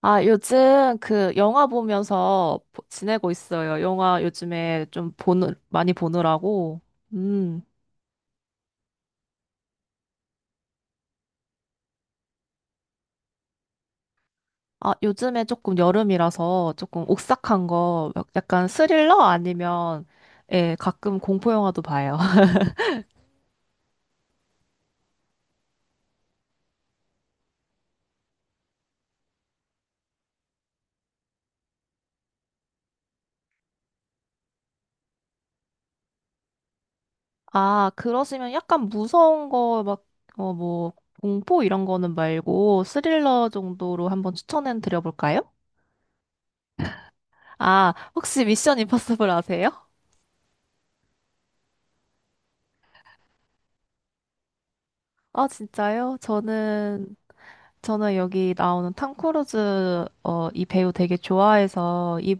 아, 요즘 그 영화 보면서 지내고 있어요. 영화 요즘에 좀 많이 보느라고. 음. 아, 요즘에 조금 여름이라서 조금 오싹한 거, 약간 스릴러 아니면, 예, 가끔 공포 영화도 봐요. 아, 그러시면 약간 무서운 거, 막, 어, 뭐, 공포 이런 거는 말고 스릴러 정도로 한번 추천해 드려볼까요? 아, 혹시 미션 임파서블 아세요? 아, 진짜요? 저는 여기 나오는 탐 크루즈 이 배우 되게 좋아해서 이,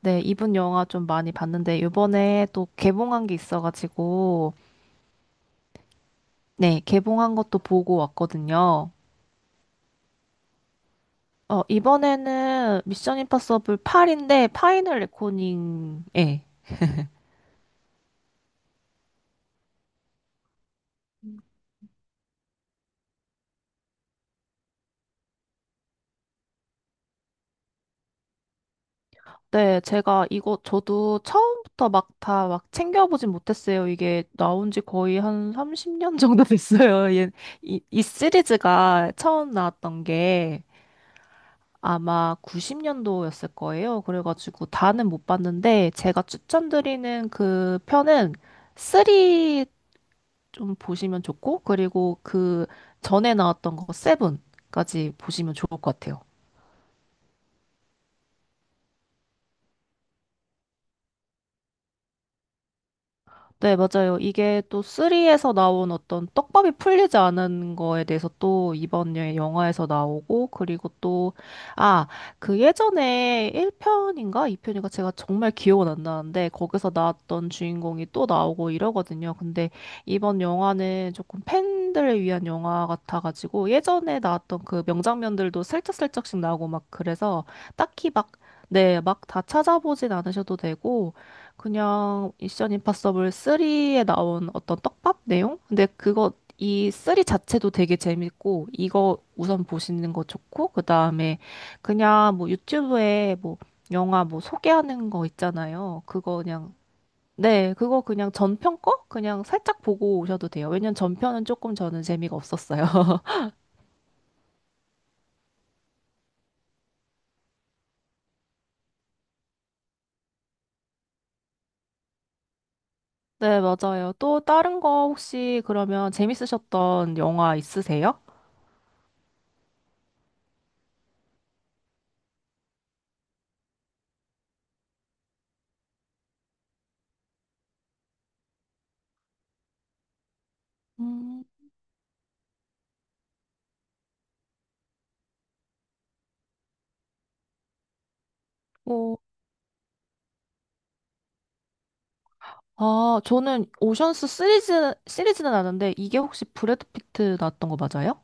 네, 이분 영화 좀 많이 봤는데 이번에 또 개봉한 게 있어가지고 네, 개봉한 것도 보고 왔거든요. 어, 이번에는 미션 임파서블 8인데 파이널 레코닝 예. 네, 제가 이거 저도 처음부터 막 다 막 챙겨보진 못했어요. 이게 나온 지 거의 한 30년 정도 됐어요. 이 시리즈가 처음 나왔던 게. 아마 90년도였을 거예요. 그래가지고 다는 못 봤는데 제가 추천드리는 그 편은 3 좀 보시면 좋고 그리고 그 전에 나왔던 거 7까지 보시면 좋을 것 같아요. 네, 맞아요. 이게 또 3에서 나온 어떤 떡밥이 풀리지 않은 거에 대해서 또 영화에서 나오고, 그리고 또, 아, 그 예전에 1편인가 2편인가 제가 정말 기억은 안 나는데, 거기서 나왔던 주인공이 또 나오고 이러거든요. 근데 이번 영화는 조금 팬들을 위한 영화 같아가지고, 예전에 나왔던 그 명장면들도 슬쩍슬쩍씩 나오고 막 그래서, 딱히 막, 네, 막 다 찾아보진 않으셔도 되고, 그냥 미션 임파서블 3에 나온 어떤 떡밥 내용? 근데 그거 이 3 자체도 되게 재밌고 이거 우선 보시는 거 좋고 그다음에 그냥 뭐 유튜브에 뭐 영화 뭐 소개하는 거 있잖아요. 그거 그냥 네, 그거 그냥 전편 거 그냥 살짝 보고 오셔도 돼요. 왜냐면 전편은 조금 저는 재미가 없었어요. 네, 맞아요. 또 다른 거 혹시 그러면 재밌으셨던 영화 있으세요? 음, 뭐 아, 저는 오션스 시리즈, 시리즈는 아는데, 이게 혹시 브래드 피트 나왔던 거 맞아요?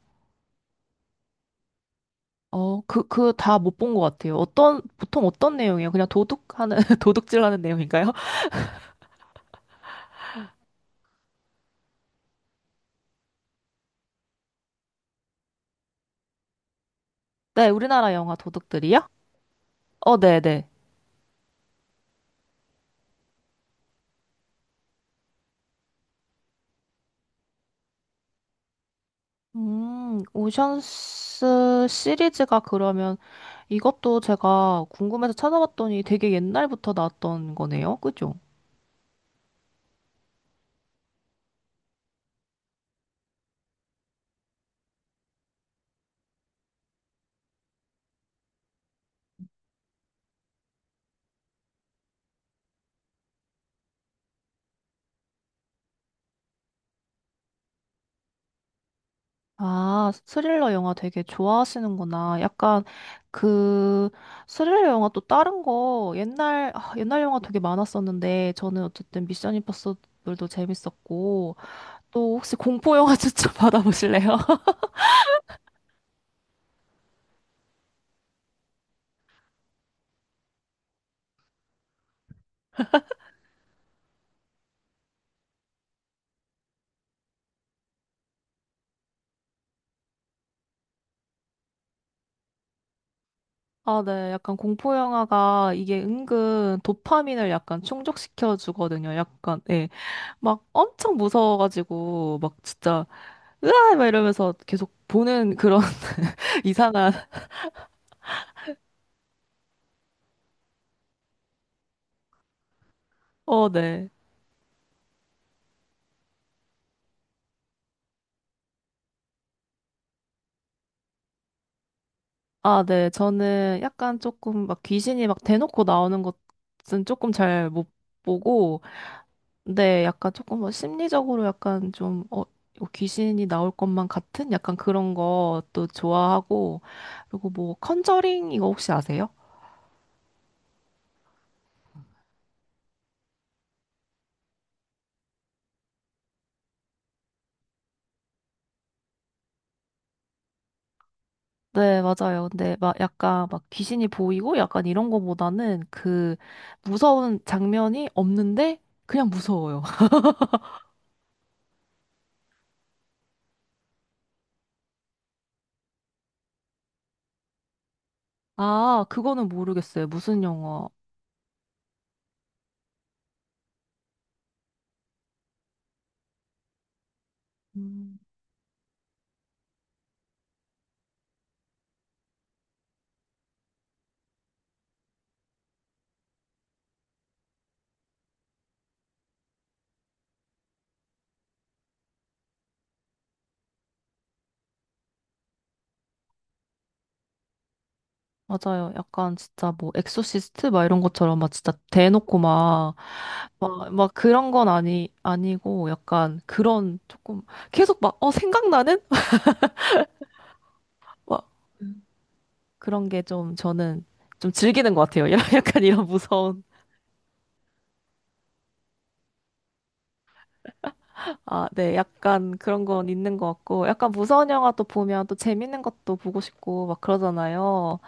어, 그 다 못 본 것 같아요. 어떤, 보통 어떤 내용이에요? 그냥 도둑하는, 도둑질하는 내용인가요? 네, 우리나라 영화 도둑들이요? 어, 네네. 오션스 시리즈가 그러면 이것도 제가 궁금해서 찾아봤더니 되게 옛날부터 나왔던 거네요. 그죠? 아, 스릴러 영화 되게 좋아하시는구나. 약간 그 스릴러 영화 또 다른 거 옛날 영화 되게 많았었는데 저는 어쨌든 미션 임파서블도 재밌었고 또 혹시 공포 영화 추천 받아보실래요? 아, 네. 약간 공포 영화가 이게 은근 도파민을 약간 충족시켜 주거든요. 약간 예. 막 엄청 무서워가지고 막 진짜 으아 막 이러면서 계속 보는 그런 이상한 어, 네. 아, 네. 저는 약간 조금 막 귀신이 막 대놓고 나오는 것은 조금 잘 못 보고, 근데 약간 조금 뭐 심리적으로 약간 좀, 어, 이거 귀신이 나올 것만 같은 약간 그런 것도 좋아하고, 그리고 뭐 컨저링 이거 혹시 아세요? 네, 맞아요. 근데 막 약간 막 귀신이 보이고 약간 이런 거보다는 그 무서운 장면이 없는데 그냥 무서워요. 아, 그거는 모르겠어요. 무슨 영화? 맞아요. 약간 진짜 뭐 엑소시스트 막 이런 것처럼 막 진짜 대놓고 막, 막 그런 건 아니, 아니고 약간 그런 조금 계속 막, 어, 생각나는? 막 그런 게 좀 저는 좀 즐기는 것 같아요. 이런 약간 이런 무서운. 아, 네. 약간 그런 건 있는 것 같고 약간 무서운 영화 또 보면 또 재밌는 것도 보고 싶고 막 그러잖아요.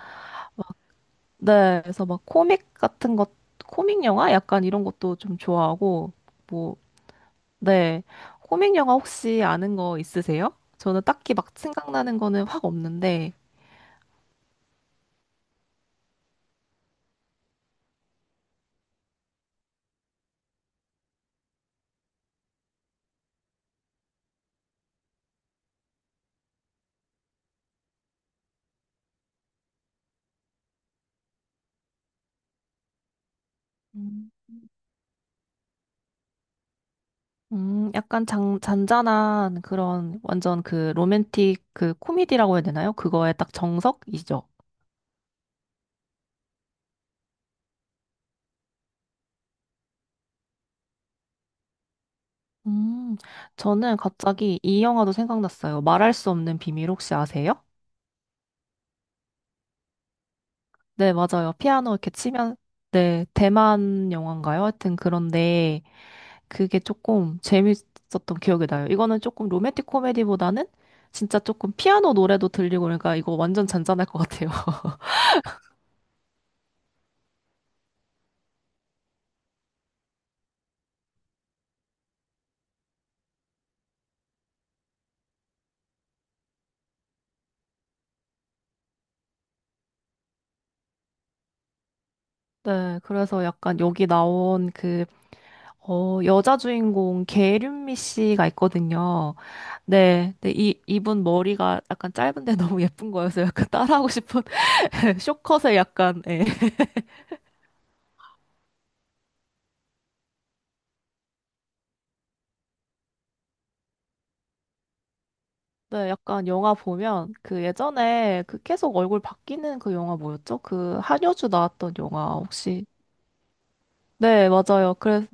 네. 그래서 막 코믹 같은 것, 코믹 영화? 약간 이런 것도 좀 좋아하고 뭐 네. 코믹 영화 혹시 아는 거 있으세요? 저는 딱히 막 생각나는 거는 확 없는데, 음. 약간 잔잔한 그런 완전 그 로맨틱 그 코미디라고 해야 되나요? 그거에 딱 정석이죠. 음, 저는 갑자기 이 영화도 생각났어요. 말할 수 없는 비밀 혹시 아세요? 네, 맞아요. 피아노 이렇게 치면, 네, 대만 영화인가요? 하여튼 그런데, 그게 조금 재밌었던 기억이 나요. 이거는 조금 로맨틱 코미디보다는 진짜 조금 피아노 노래도 들리고 그러니까 이거 완전 잔잔할 것 같아요. 네, 그래서 약간 여기 나온 그, 어, 여자 주인공 계륜미 씨가 있거든요. 네, 네, 이분 머리가 약간 짧은데 너무 예쁜 거여서 약간 따라하고 싶은 쇼컷에 약간, 예. 네, 약간 영화 보면 그 예전에 그 계속 얼굴 바뀌는 그 영화 뭐였죠? 그 한효주 나왔던 영화 혹시 네, 맞아요. 그래서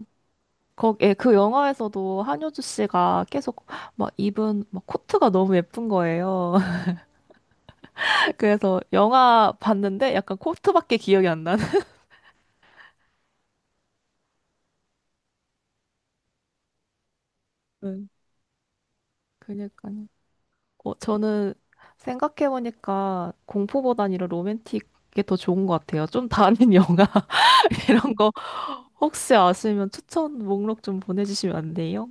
거, 예, 그 영화에서도 한효주 씨가 계속 막 입은 막 코트가 너무 예쁜 거예요. 그래서 영화 봤는데 약간 코트밖에 기억이 안 나는. 네, 그니까요. 어, 저는 생각해보니까 공포보단 이런 로맨틱이 더 좋은 것 같아요. 좀 다른 영화 이런 거 혹시 아시면 추천 목록 좀 보내주시면 안 돼요?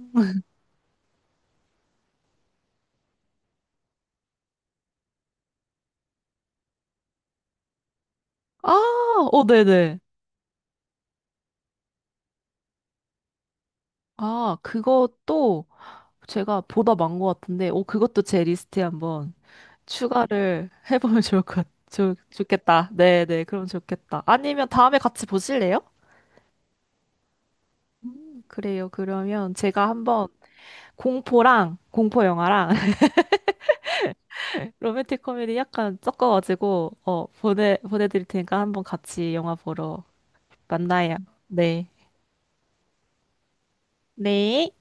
아, 어, 네네. 아, 그것도 제가 보다 많은 것 같은데, 오, 그것도 제 리스트에 한번 추가를 해보면 좋을 것, 좋겠다. 네네, 그럼 좋겠다. 아니면 다음에 같이 보실래요? 그래요. 그러면 제가 한번 공포랑, 공포 영화랑 로맨틱 코미디 약간 섞어가지고, 어, 보내드릴 테니까 한번 같이 영화 보러 만나요. 네. 네.